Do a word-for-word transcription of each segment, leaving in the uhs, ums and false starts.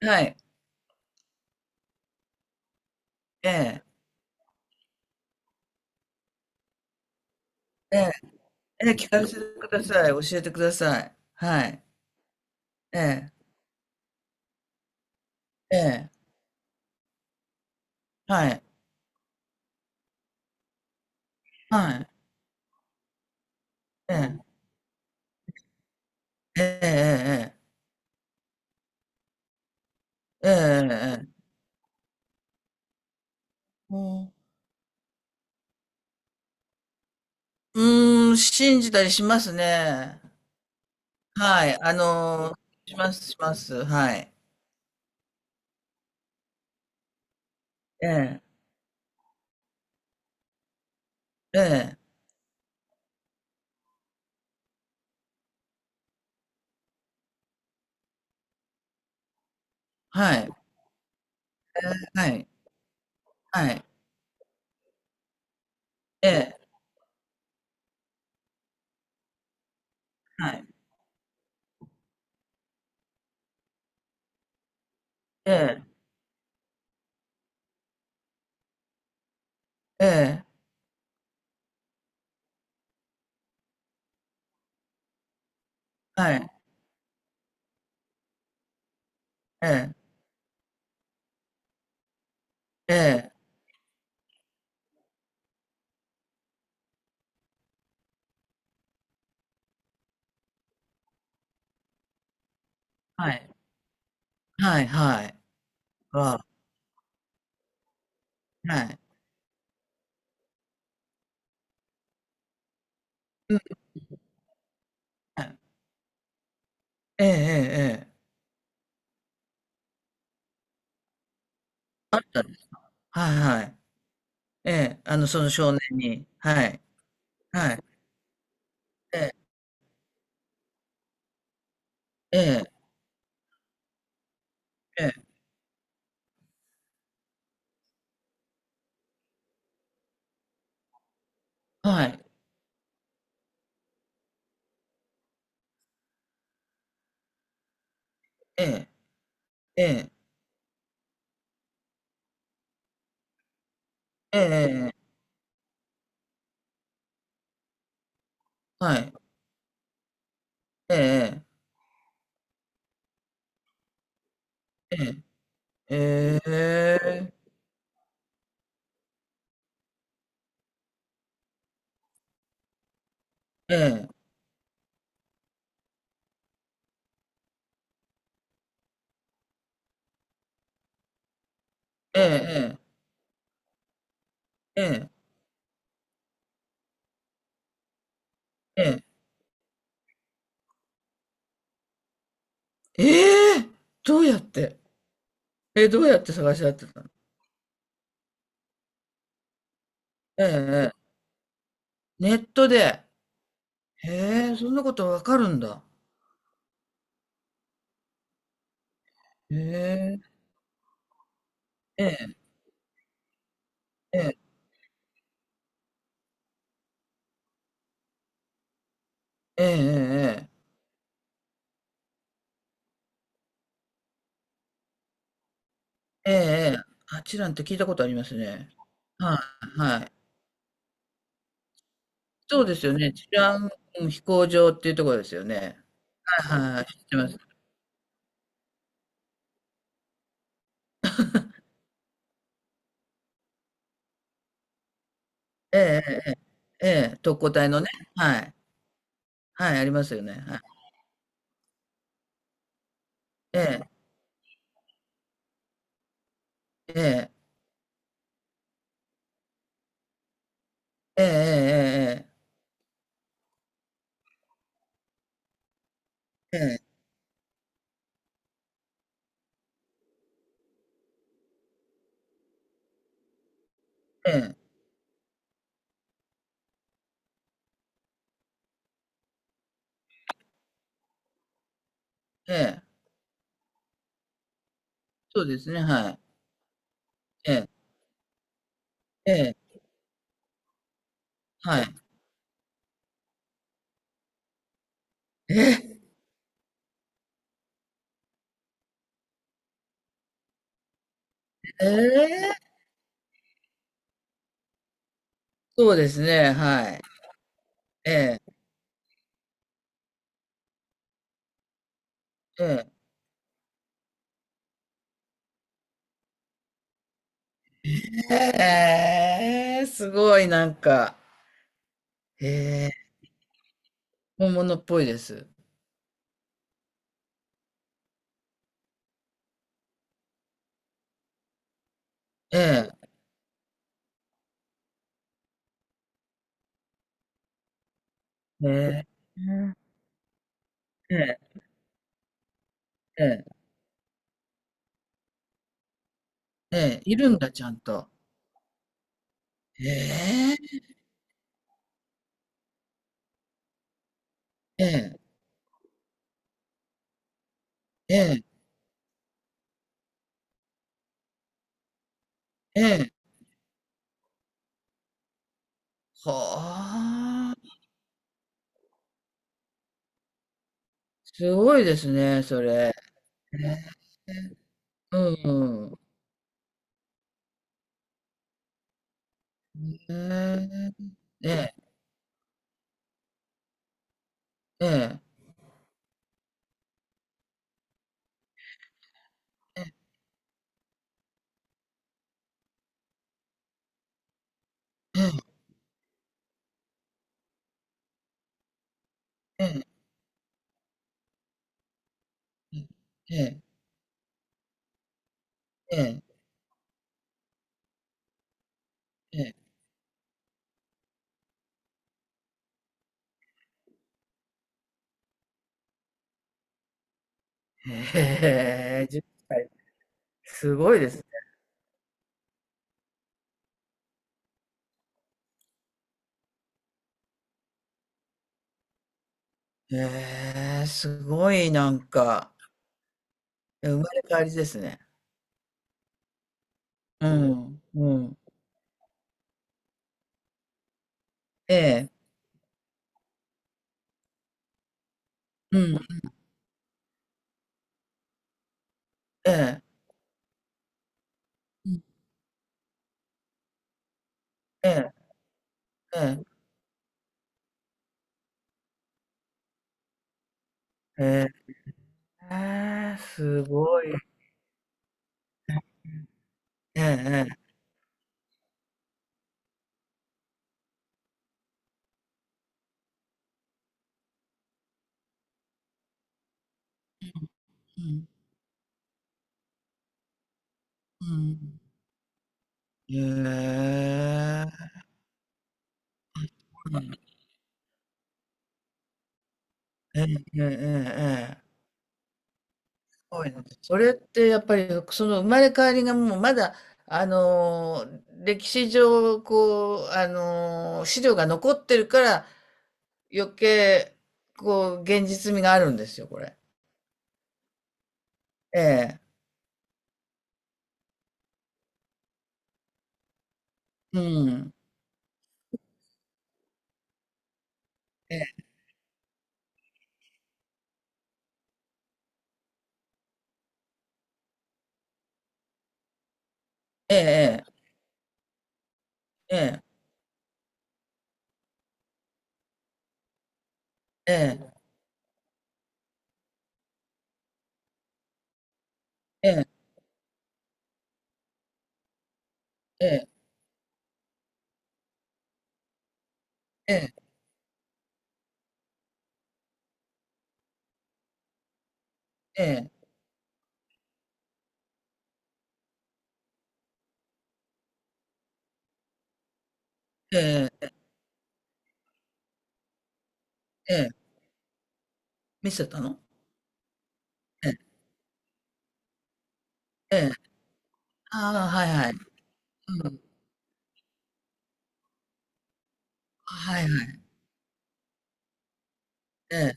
はい。ええ、ええ、ええ、聞かせてください。教えてください。はい。ええ、ええ、はい。はい。ええ、ええ、ええ、ええ、ええ、うん、うーん、信じたりしますね。はい。あの、します、します。はい。ええ、ええ、はい。ええ、はい。はい。ええ、はい。ええ、ええ、はい。ええ、ええ、はい。はい、はい。は、はい。うん、はい。ええ、ええ、ええ。はいはい。ええ、あの、その少年に。はい。はい。ええ、ええ、ええ、はい。ええ、ええ、ええ、ええ、はい。ええ、ええ、ええ、ええ、ええ、ええ、ええ、ええ、どうやって、え、どうやって探し合ってたの？ええ、ええ、ネットで。へえ、そんなことわかるんだ。へえ、ええ、ええ、ええ、ええ、ええ、ええ、あちらんって聞いたことありますね。はい、はい。そうですよね。治安、うん、飛行場っていうところですよね。はいはいはい、知ってます。ええ、ええ、ええ、特攻隊のね。はい。はい、ありますよね。はい。ええ、ええ、ええ、ええ、ええ、ええ、ええ、ええ、そうですね、はい。ええ、ええ、はい。ええ、ええ、そうですね、はい。ええ、ええ、ええ、すごいなんか、ええ、本物っぽいです。ええ、ええ、ええ、ええ。ええ、いるんだ、ちゃんと。ええ、ええ、ええ、ええ。はあ、すごいですね、それ。ええ、え、うん、ええ。ええ、ええ、ええ、ええ、ええ、ええ、ええ、へえ。じゅっさい、すごいですね。へえ、すごいなんか、え、生まれ変わりですね。うん、うん。ええ、うん、ええ、うん、ええ、ええ、へえ。ええ、すごい。ええ、ええ。うん、うん。ええ、ええ、ええ、ええ、すごいな。それってやっぱり、その生まれ変わりがもうまだ、あの、歴史上、こう、あの、資料が残ってるから、余計、こう、現実味があるんですよ、これ。ええ。うん。ええ、ええ、ええ、ええ、ええ、ええ、ええ、ええ、ええ、ええ、見せたの？ええ、ええ、ああ、はいはい。うん。はいはい。え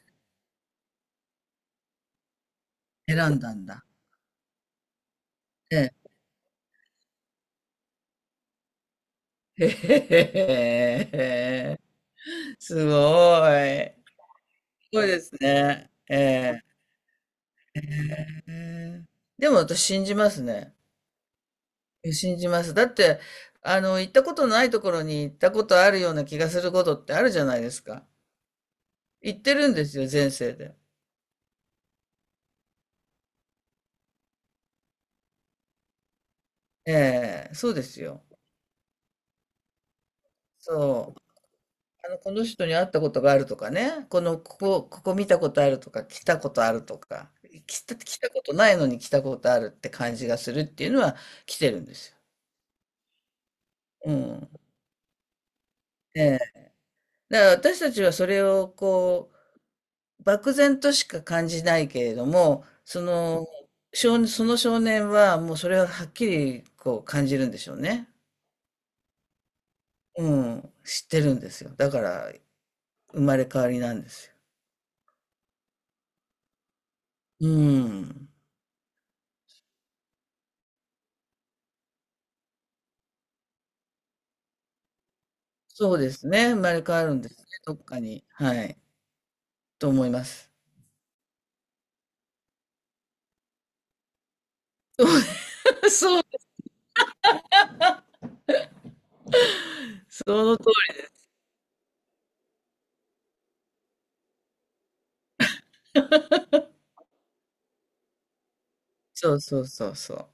え、選んだんだ。ええ。へへ、へへへ。すごい。すごいですね。ええ。へえ。でも私信じますね。え、信じます。だって、あの、行ったことないところに行ったことあるような気がすることってあるじゃないですか。行ってるんですよ、前世で。ええ、そうですよ。そう。あの、この人に会ったことがあるとかね、この、ここ、ここ見たことあるとか、来たことあるとか、来た、来たことないのに来たことあるって感じがするっていうのは来てるんですよ。うん。ええ。だから私たちはそれをこう、漠然としか感じないけれども、その少、その少年はもうそれははっきりこう感じるんでしょうね。うん。知ってるんですよ。だから生まれ変わりなんですよ。うん。そうですね、生まれ変わるんですね、どっかに。はい。と思います。そう、その通り。そうそうそうそう。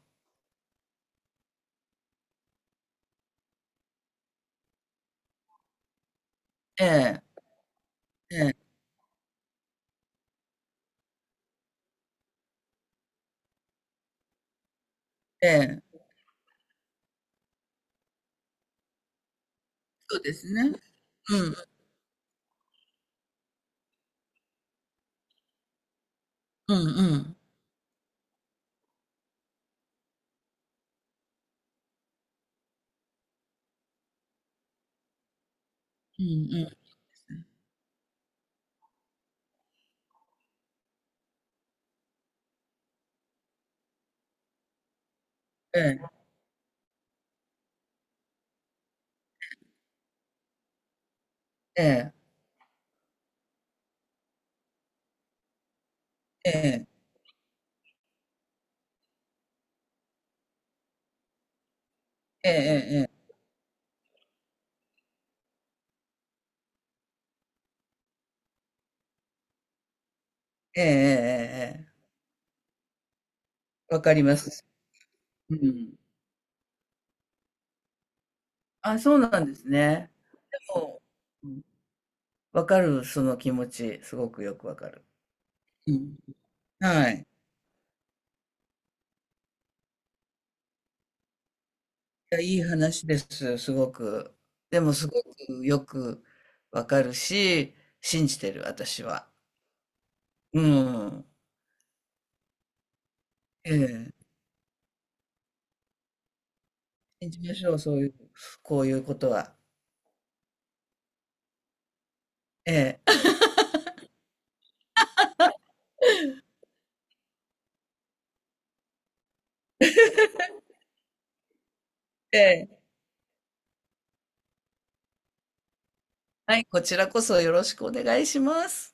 ええ、ええ、ええ、そうですね。うん、うん、うん、うん、うん、ええ、ええ、ええ、ええ、ええ、ええ、ええ、ええ、ええ、わかります。うん。あ、そうなんですね。でも、うん、わかる、その気持ち、すごくよくわかる。うん。はい。いや、いい話です、すごく。でも、すごくよくわかるし、信じてる、私は。うん。ええ。信じましょう、そういう、こういうことは。ええ。ええ。はい、こちらこそよろしくお願いします。